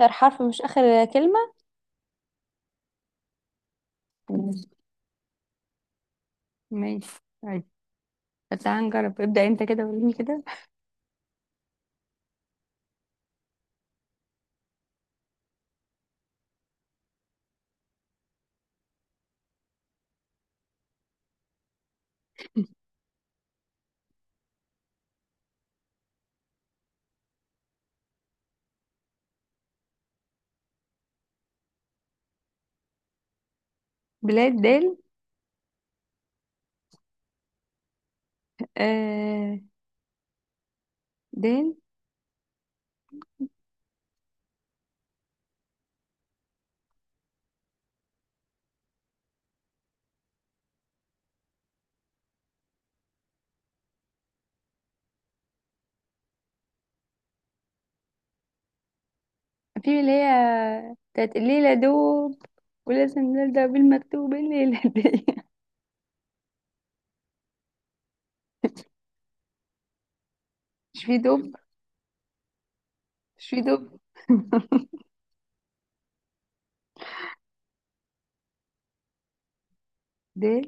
آخر حرف مش آخر كلمة. ماشي. طيب. بس تعالى نجرب، ابدأ انت كده وريني كده. بلاد دال. آه، دال في اللي هي بتاعت الليلة دوب، ولازم نبدأ بالمكتوب الليلة دي. مش في دوب. مش في دوب. دال.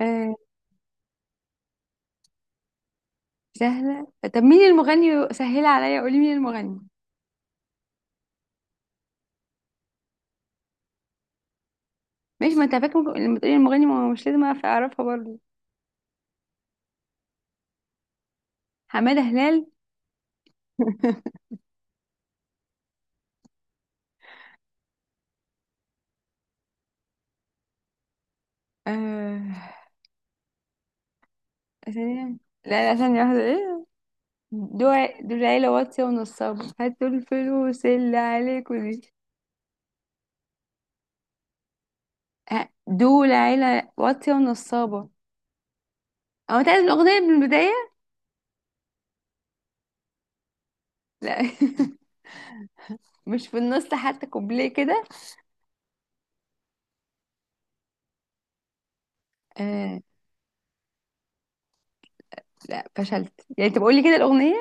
آه، سهلة؟ طب مين المغني؟ سهلة عليا، قولي مين المغني. ماشي، ما انت فاكر لما تقولي المغني، ما هو مش لازم اعرف اعرفها برضه. حمادة هلال. آه. ثانية. لا، ثانية واحدة، ايه؟ دول العيلة واطية ونصابة، هاتوا الفلوس اللي عليكوا دي. دول عيلة واطية ونصابة. هو انت عايز الأغنية من البداية؟ لا. مش في النص حتى كوبليه كده؟ آه، لا، فشلت يعني انت بقولي كده الأغنية.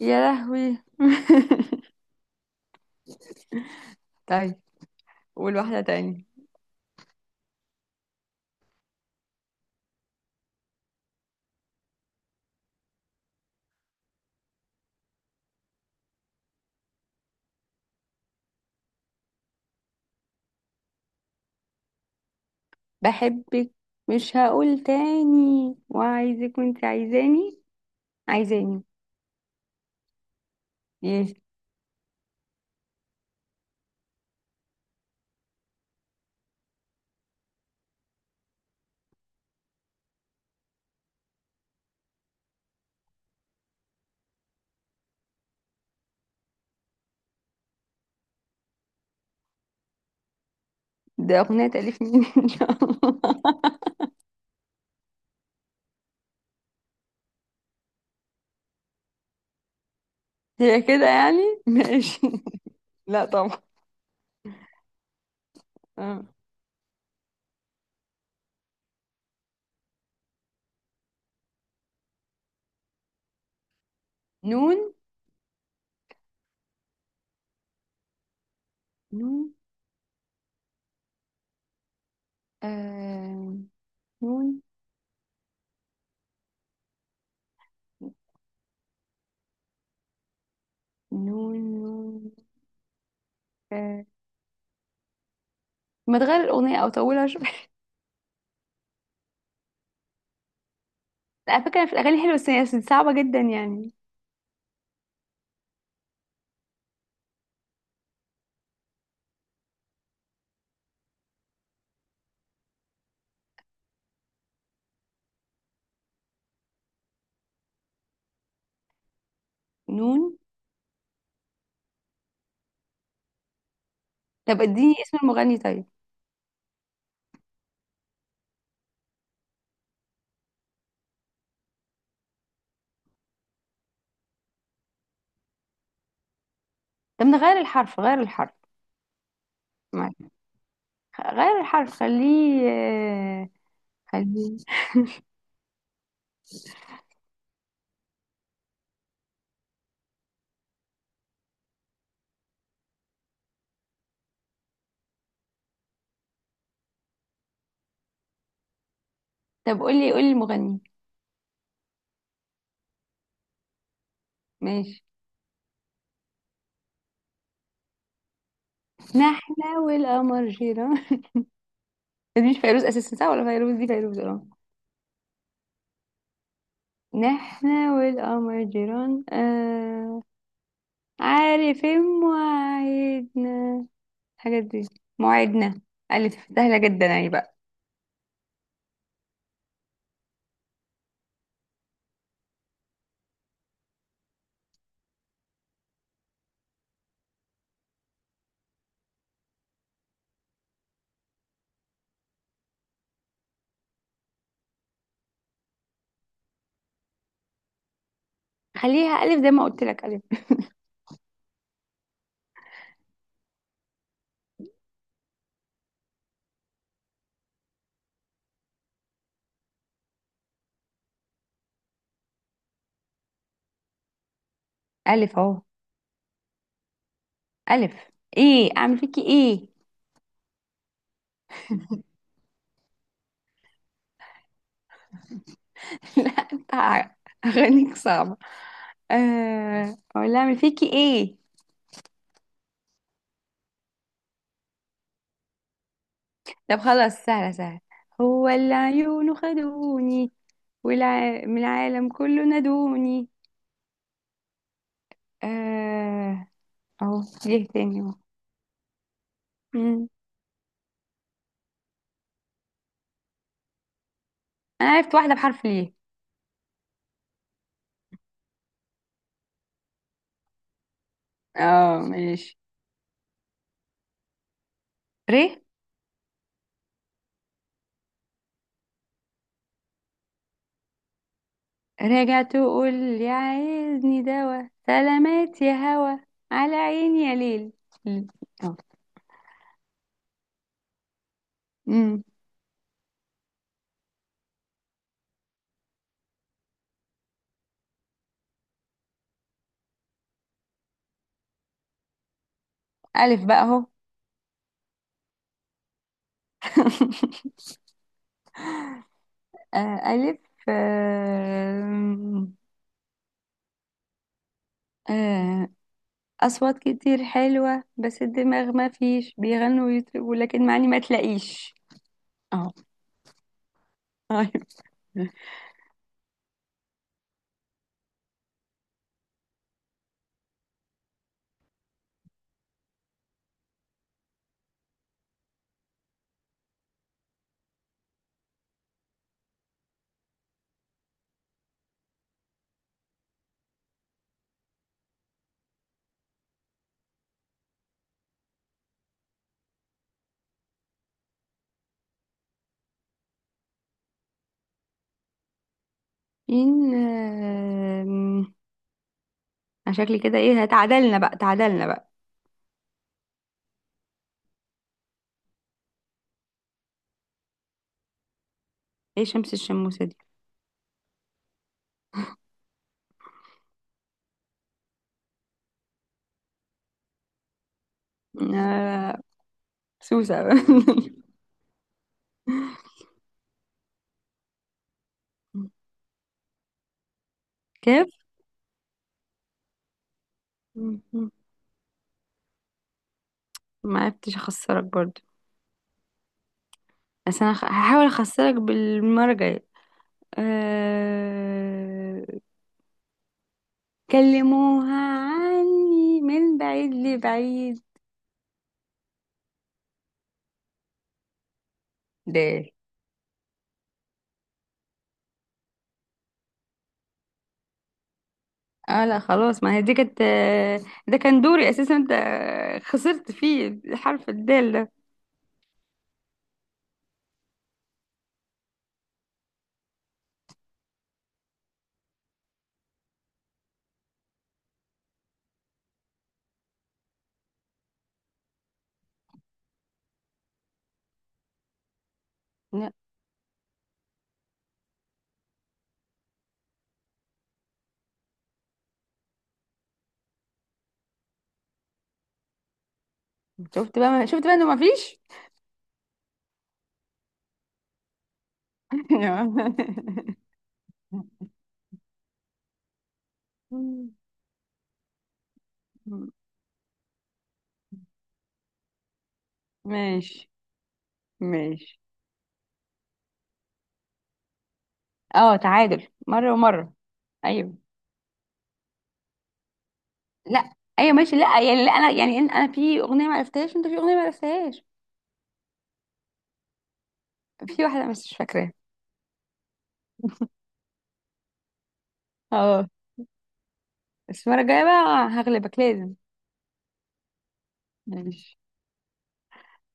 يا لهوي. طيب، قول واحدة تاني. بحبك. مش هقول تاني، وعايزك وانت عايزاني. عايزاني ايه؟ ده أغنية تأليف مين ان شاء الله؟ هي كده يعني؟ ماشي. لا طبعا. آه. نون. نون. آه، نون. نون. نون. آه. ما تغير الأغنية أو طولها شوية؟ على فكرة في الأغاني حلوة، بس هي صعبة جدا يعني. نون. طب اديني اسم المغني طيب. طب نغير الحرف، غير الحرف. معلش. غير الحرف، خليه آه، خليه. طب قولي، قولي المغني. ماشي. نحنا والقمر جيران. دي مش فيروز أساسا، صح؟ ولا فيروز؟ دي فيروز اه. نحنا والقمر جيران، آه، عارف مواعيدنا، الحاجات دي، مواعيدنا. ألف سهلة جدا اهي بقى. خليها ألف زي ما قلت لك، ألف. ألف أهو. ألف. إيه أعمل فيكي إيه؟ لا أنت، أغانيك صعبة. آه، أقول لها أعمل فيكي إيه. طب خلاص، سهلة سهلة. هو اللي عيونه خدوني، من العالم كله نادوني. آه، أهو ليه تاني أهو. مم. أنا عرفت واحدة بحرف ليه. اه، ماشي. ري، راجع تقول، يا عايزني دوا سلامات يا هوا، على عيني يا ليل. ليل. أهو. أمم. ألف بقى أهو. آه، ألف. آم، آه، أصوات كتير حلوة، بس الدماغ ما فيش بيغنوا ويطربوا، لكن معني ما تلاقيش أهو. أيوة. إن آم، أنا شكلي كده إيه، تعادلنا بقى. إيه شمس الشموسة دي؟ آه، سوسة. كيف. مم. ما عرفتش اخسرك برضو، بس انا هحاول اخسرك بالمرة الجاية. أه... كلموها عني من بعيد لبعيد، ده. اه لا خلاص، ما هي دي كانت آه، ده كان دوري اساسا. انت خسرت فيه حرف الدال ده. لا. شفت بقى، شفت بقى انه ما فيش. ماشي. ماشي. اه، تعادل، مرة ومرة. ايوه، لا، ايوه ماشي. لا يعني لا، انا يعني، انا في اغنيه ما عرفتهاش، وانت في اغنيه ما عرفتهاش. في واحده بس مش فاكراها. اه، بس المره الجايه بقى هغلبك لازم. ماشي.